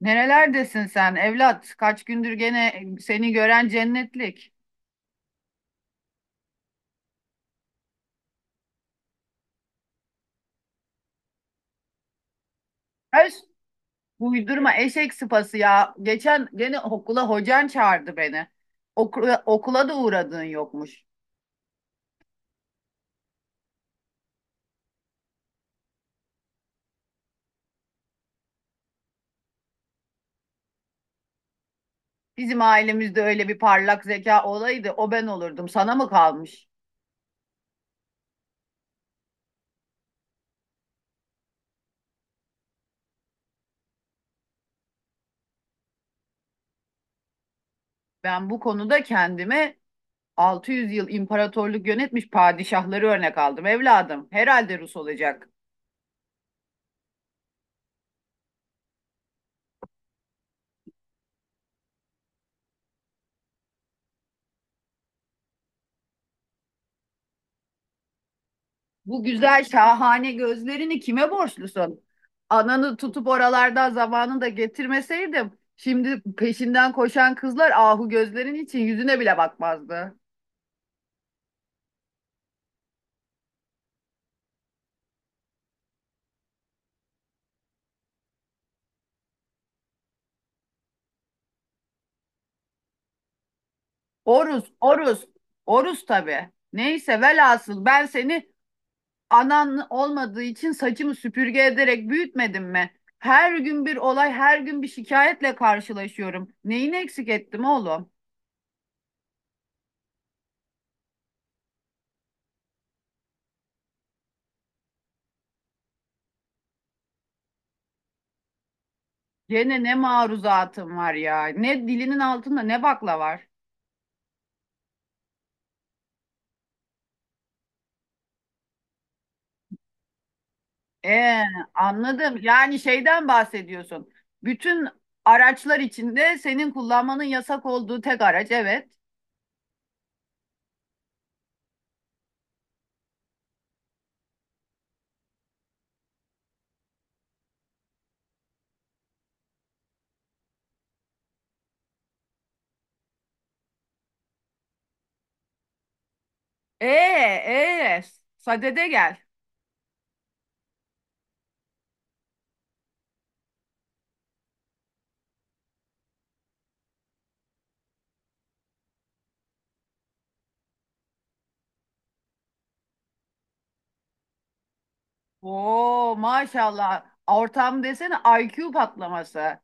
Nerelerdesin sen evlat? Kaç gündür gene seni gören cennetlik. Öz, uydurma eşek sıpası ya. Geçen gene okula hocan çağırdı beni. Okula, okula da uğradığın yokmuş. Bizim ailemizde öyle bir parlak zeka olaydı o ben olurdum. Sana mı kalmış? Ben bu konuda kendime 600 yıl imparatorluk yönetmiş padişahları örnek aldım evladım. Herhalde Rus olacak. Bu güzel şahane gözlerini kime borçlusun? Ananı tutup oralardan zamanında getirmeseydim, şimdi peşinden koşan kızlar ahu gözlerin için yüzüne bile bakmazdı. Oruz, Oruz, Oruz tabii. Neyse velhasıl ben seni anan olmadığı için saçımı süpürge ederek büyütmedim mi? Her gün bir olay, her gün bir şikayetle karşılaşıyorum. Neyini eksik ettim oğlum? Gene ne maruzatım var ya. Ne dilinin altında ne bakla var. Ee, Anladım. Yani şeyden bahsediyorsun. Bütün araçlar içinde senin kullanmanın yasak olduğu tek araç, evet. Ee, ee, Sadede gel. Oo, maşallah. Ortam desene IQ patlaması.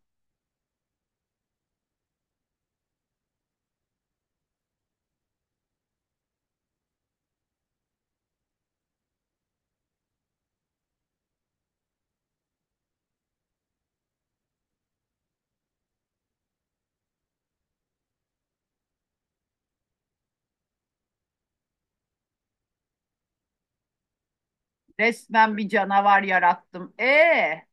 Resmen bir canavar yarattım.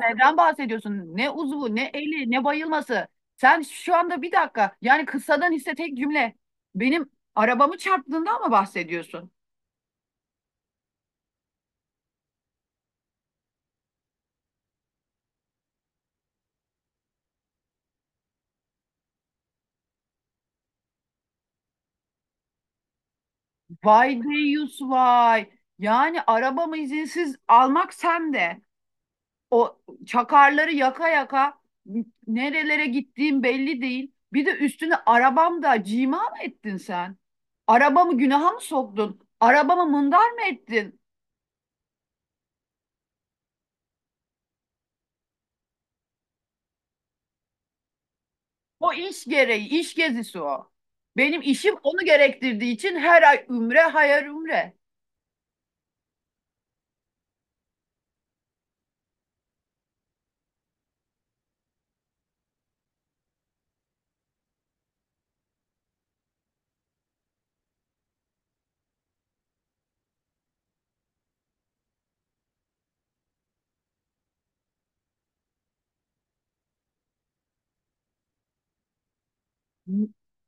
Neden bahsediyorsun? Ne uzvu, ne eli, ne bayılması. Sen şu anda bir dakika, yani kısadan hisse tek cümle. Benim arabamı çarptığından mı bahsediyorsun? Vay deyyus vay. Yani arabamı izinsiz almak sen de. O çakarları yaka yaka nerelere gittiğim belli değil. Bir de üstüne arabamda cima mı ettin sen? Arabamı günaha mı soktun? Arabamı mındar mı ettin? O iş gereği, iş gezisi o. Benim işim onu gerektirdiği için her ay ümre, hayal ümre.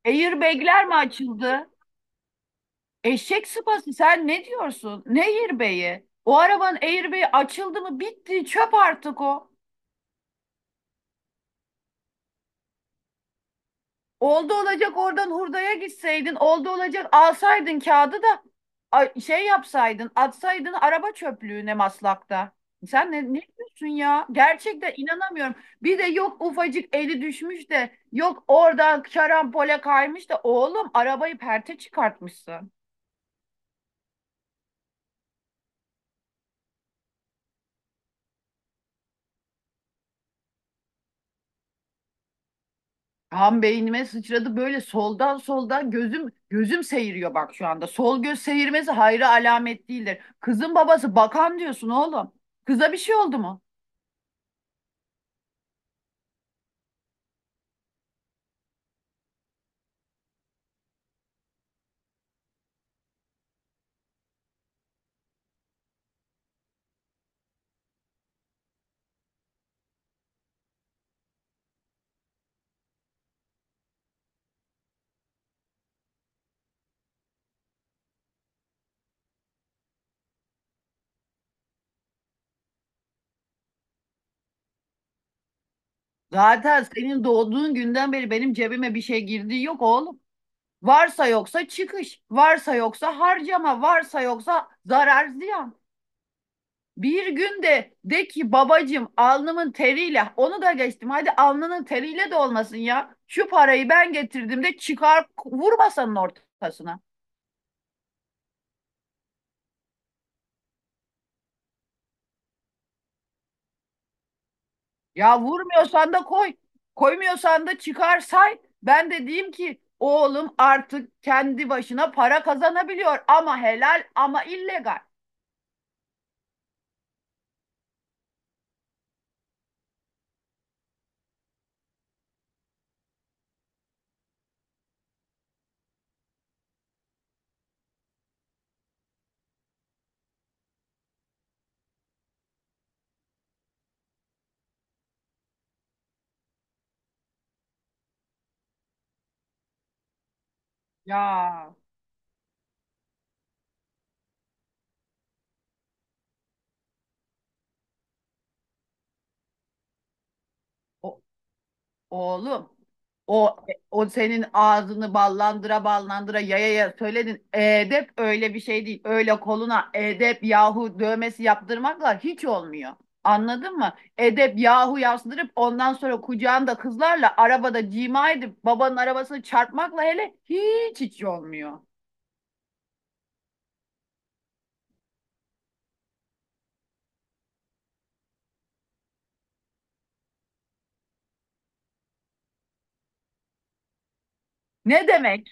Airbag'ler mi açıldı? Eşek sıpası sen ne diyorsun? Ne airbag'i? O arabanın airbag'i açıldı mı bitti çöp artık o. Oldu olacak oradan hurdaya gitseydin. Oldu olacak alsaydın kağıdı da şey yapsaydın atsaydın araba çöplüğüne maslakta. Sen ne diyorsun ya? Gerçekten inanamıyorum. Bir de yok ufacık eli düşmüş de yok oradan şarampole kaymış da oğlum arabayı perte çıkartmışsın. Tam beynime sıçradı böyle soldan gözüm seyiriyor bak şu anda. Sol göz seyirmesi hayra alamet değildir. Kızın babası bakan diyorsun oğlum. Kıza bir şey oldu mu? Zaten senin doğduğun günden beri benim cebime bir şey girdiği yok oğlum. Varsa yoksa çıkış, varsa yoksa harcama, varsa yoksa zarar ziyan. Bir gün de ki babacığım alnımın teriyle onu da geçtim. Hadi alnının teriyle de olmasın ya. Şu parayı ben getirdim de çıkar vurmasanın ortasına. Ya vurmuyorsan da koy. Koymuyorsan da çıkar say. Ben de diyeyim ki oğlum artık kendi başına para kazanabiliyor ama helal ama illegal. Ya o Oğlum o o senin ağzını ballandıra ballandıra yaya yaya söyledin. Edep öyle bir şey değil. Öyle koluna edep yahu dövmesi yaptırmakla hiç olmuyor. Anladın mı? Edep yahu yazdırıp ondan sonra kucağında kızlarla arabada cima edip babanın arabasını çarpmakla hele hiç hiç olmuyor. Ne demek?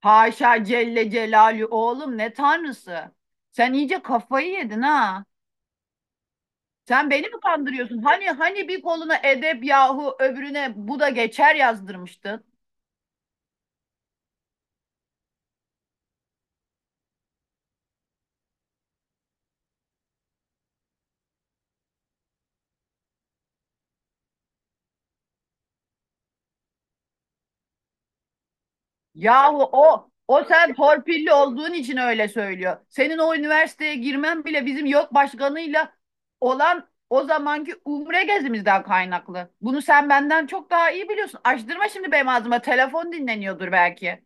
Haşa Celle Celalü oğlum ne tanrısı. Sen iyice kafayı yedin ha. Sen beni mi kandırıyorsun? Hani bir koluna edep yahu öbürüne bu da geçer yazdırmıştın. Yahu o sen torpilli olduğun için öyle söylüyor. Senin o üniversiteye girmen bile bizim yok başkanıyla olan o zamanki umre gezimizden kaynaklı. Bunu sen benden çok daha iyi biliyorsun. Açtırma şimdi benim ağzıma. Telefon dinleniyordur belki.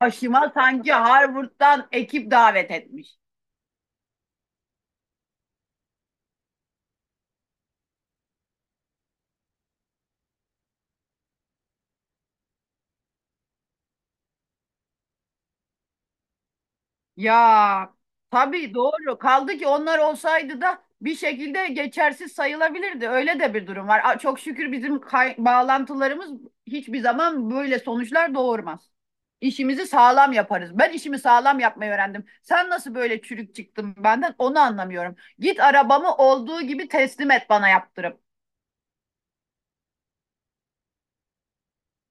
Başıma sanki Harvard'dan ekip davet etmiş. Ya tabii doğru. Kaldı ki onlar olsaydı da bir şekilde geçersiz sayılabilirdi. Öyle de bir durum var. Çok şükür bizim bağlantılarımız hiçbir zaman böyle sonuçlar doğurmaz. İşimizi sağlam yaparız. Ben işimi sağlam yapmayı öğrendim. Sen nasıl böyle çürük çıktın benden onu anlamıyorum. Git arabamı olduğu gibi teslim et bana yaptırıp.